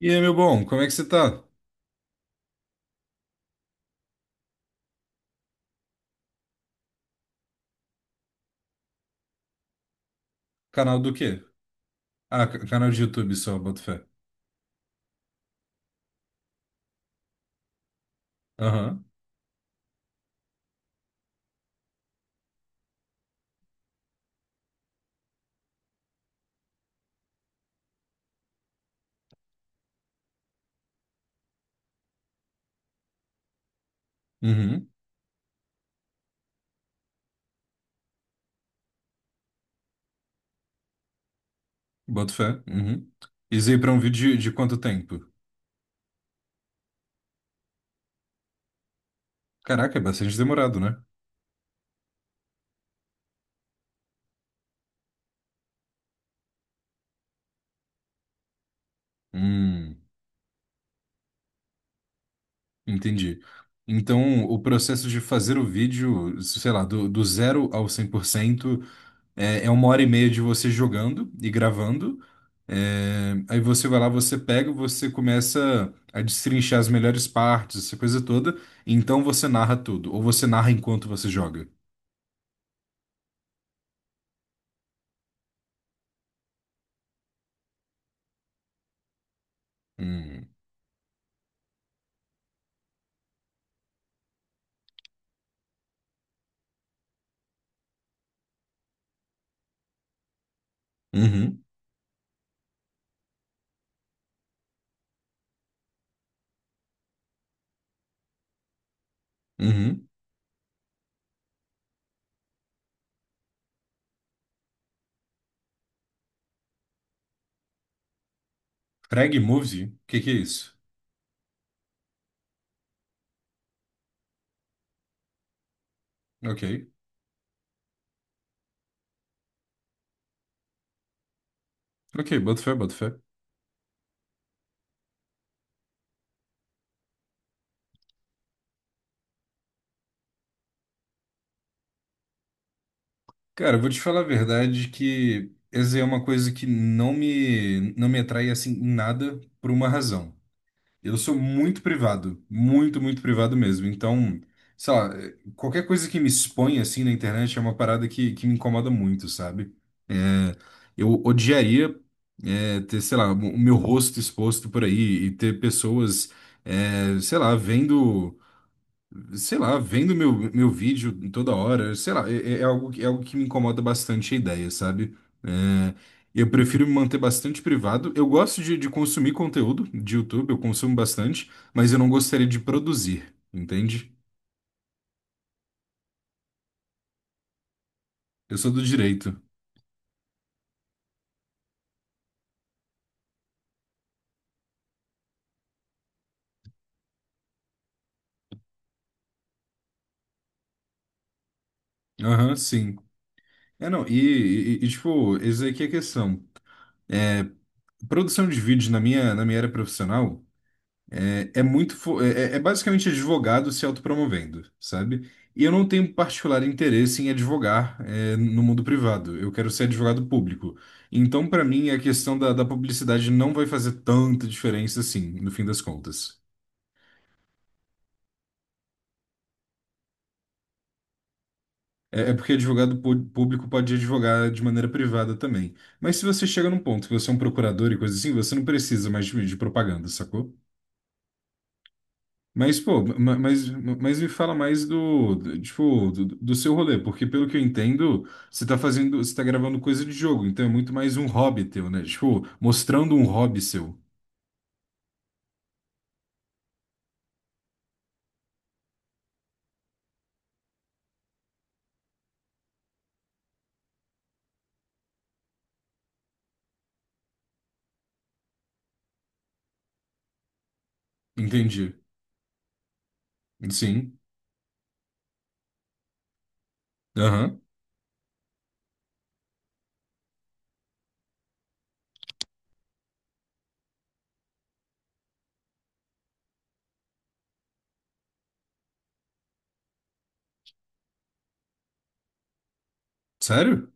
E aí, meu bom, como é que você tá? Canal do quê? Ah, canal de YouTube só, boto fé. Aham. Uhum, boto fé, uhum. Isso aí pra um vídeo de quanto tempo? Caraca, é bastante demorado, né? Hum, entendi. Então, o processo de fazer o vídeo, sei lá, do zero ao 100%. É, é uma hora e meia de você jogando e gravando. É, aí você vai lá, você pega, você começa a destrinchar as melhores partes, essa coisa toda. E então você narra tudo. Ou você narra enquanto você joga. Hum. Uhum. Uhum. Frag Movie? O que que é isso? Ok. Ok, boto fé, boto fé. Cara, eu vou te falar a verdade que essa é uma coisa que não me atrai assim em nada por uma razão. Eu sou muito privado, muito, muito privado mesmo. Então, sei lá, qualquer coisa que me expõe assim na internet é uma parada que me incomoda muito, sabe? É, eu odiaria ter, sei lá, o meu rosto exposto por aí e ter pessoas, é, sei lá, vendo meu vídeo toda hora, sei lá, é algo, é algo que me incomoda bastante a ideia, sabe? É, eu prefiro me manter bastante privado. Eu gosto de consumir conteúdo de YouTube, eu consumo bastante, mas eu não gostaria de produzir, entende? Eu sou do direito. Aham, sim. É, não, e, tipo, essa aqui é a questão. Produção de vídeo na minha área profissional. É, é muito. Fo- É, é é basicamente advogado se autopromovendo, sabe? E eu não tenho particular interesse em advogar, é, no mundo privado. Eu quero ser advogado público. Então, para mim, a questão da publicidade não vai fazer tanta diferença assim, no fim das contas. É, é porque público pode advogar de maneira privada também. Mas se você chega num ponto que você é um procurador e coisa assim, você não precisa mais de propaganda, sacou? Mas, pô, mas me fala mais tipo, do seu rolê, porque pelo que eu entendo, você tá fazendo, você tá gravando coisa de jogo, então é muito mais um hobby teu, né? Tipo, mostrando um hobby seu. Entendi. Sim. Aham. Sério?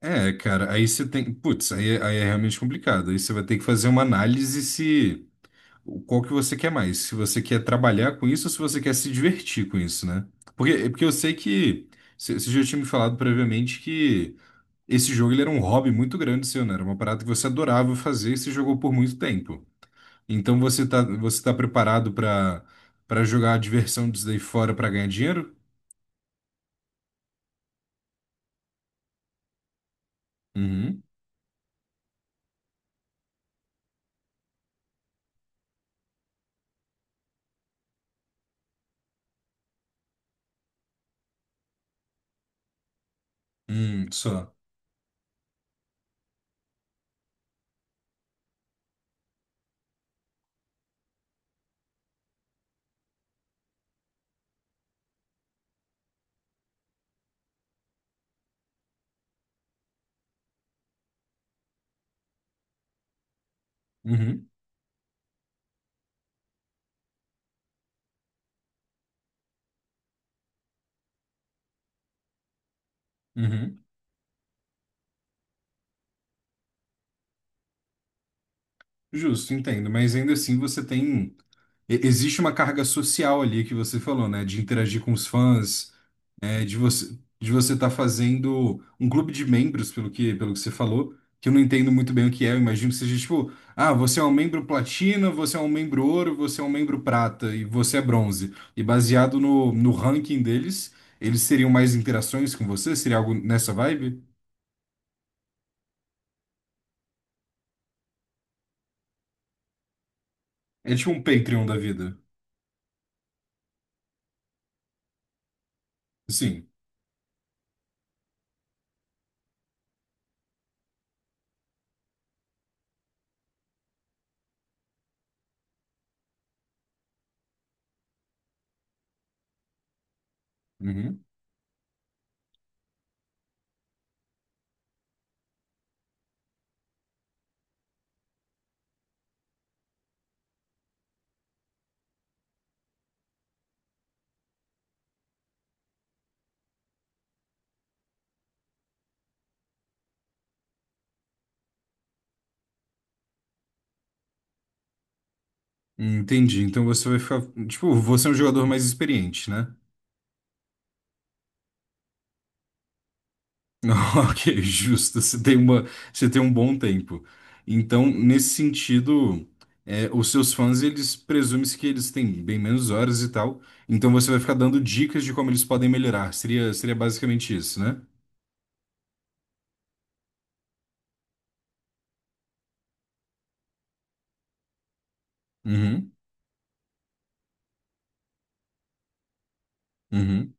É, cara, aí você tem, putz, aí é realmente complicado. Aí você vai ter que fazer uma análise se, o qual que você quer mais, se você quer trabalhar com isso ou se você quer se divertir com isso, né? Porque eu sei você já tinha me falado previamente que esse jogo ele era um hobby muito grande seu, né? Era uma parada que você adorava fazer e se jogou por muito tempo. Então você tá preparado para para jogar a diversão disso daí fora para ganhar dinheiro? Uhum. Só. Uhum. Uhum. Justo, entendo. Mas ainda assim você tem. Existe uma carga social ali que você falou, né? De interagir com os fãs, é, de você estar fazendo um clube de membros, pelo que você falou, que eu não entendo muito bem o que é. Eu imagino que seja tipo, ah, você é um membro platina, você é um membro ouro, você é um membro prata e você é bronze. E baseado no ranking deles, eles seriam mais interações com você? Seria algo nessa vibe? É tipo um Patreon da vida. Sim. Uhum. Entendi. Então você vai ficar. Tipo, você é um jogador mais experiente, né? Ok, justo. Você tem você tem um bom tempo. Então, nesse sentido, é, os seus fãs, eles presumem-se que eles têm bem menos horas e tal. Então, você vai ficar dando dicas de como eles podem melhorar. Seria basicamente isso, né? Uhum, uhum.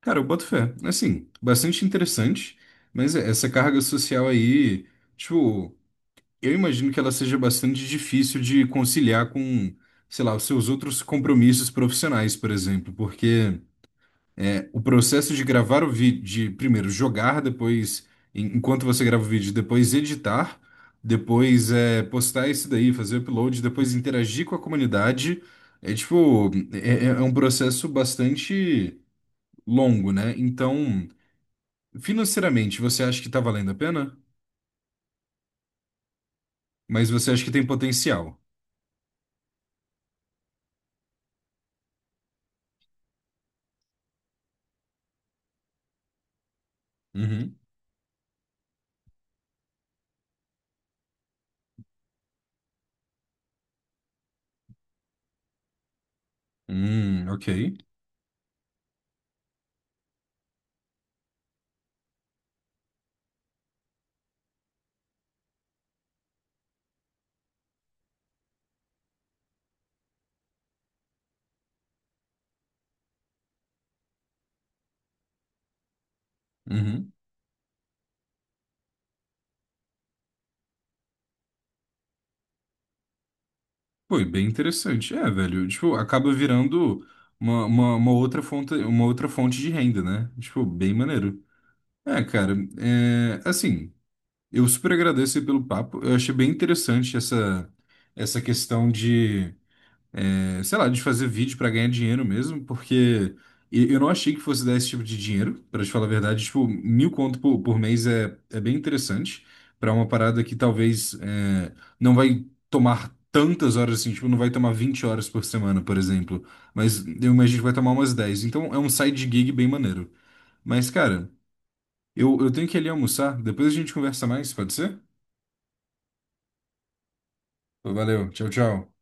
Cara, eu boto fé. Assim, bastante interessante. Mas é, essa carga social aí, tipo, eu imagino que ela seja bastante difícil de conciliar com, sei lá, os seus outros compromissos profissionais, por exemplo, porque é, o processo de gravar o vídeo, de primeiro jogar, depois, enquanto você grava o vídeo, depois editar, depois é, postar isso daí, fazer upload, depois interagir com a comunidade. É um processo bastante longo, né? Então, financeiramente, você acha que tá valendo a pena? Mas você acha que tem potencial? Uhum. Ok. Uhum. Foi bem interessante. É, velho, tipo, acaba virando uma outra fonte de renda, né? Tipo, bem maneiro. É, cara, é, assim, eu super agradeço aí pelo papo. Eu achei bem interessante essa questão de é, sei lá, de fazer vídeo pra ganhar dinheiro mesmo, porque eu não achei que fosse dar esse tipo de dinheiro, pra te falar a verdade. Tipo, 1.000 conto por mês é, é bem interessante pra uma parada que talvez é, não vai tomar tantas horas assim, tipo, não vai tomar 20 horas por semana, por exemplo. Mas eu imagino que vai tomar umas 10. Então é um side gig bem maneiro. Mas, cara, eu tenho que ir ali almoçar, depois a gente conversa mais, pode ser? Valeu, tchau, tchau.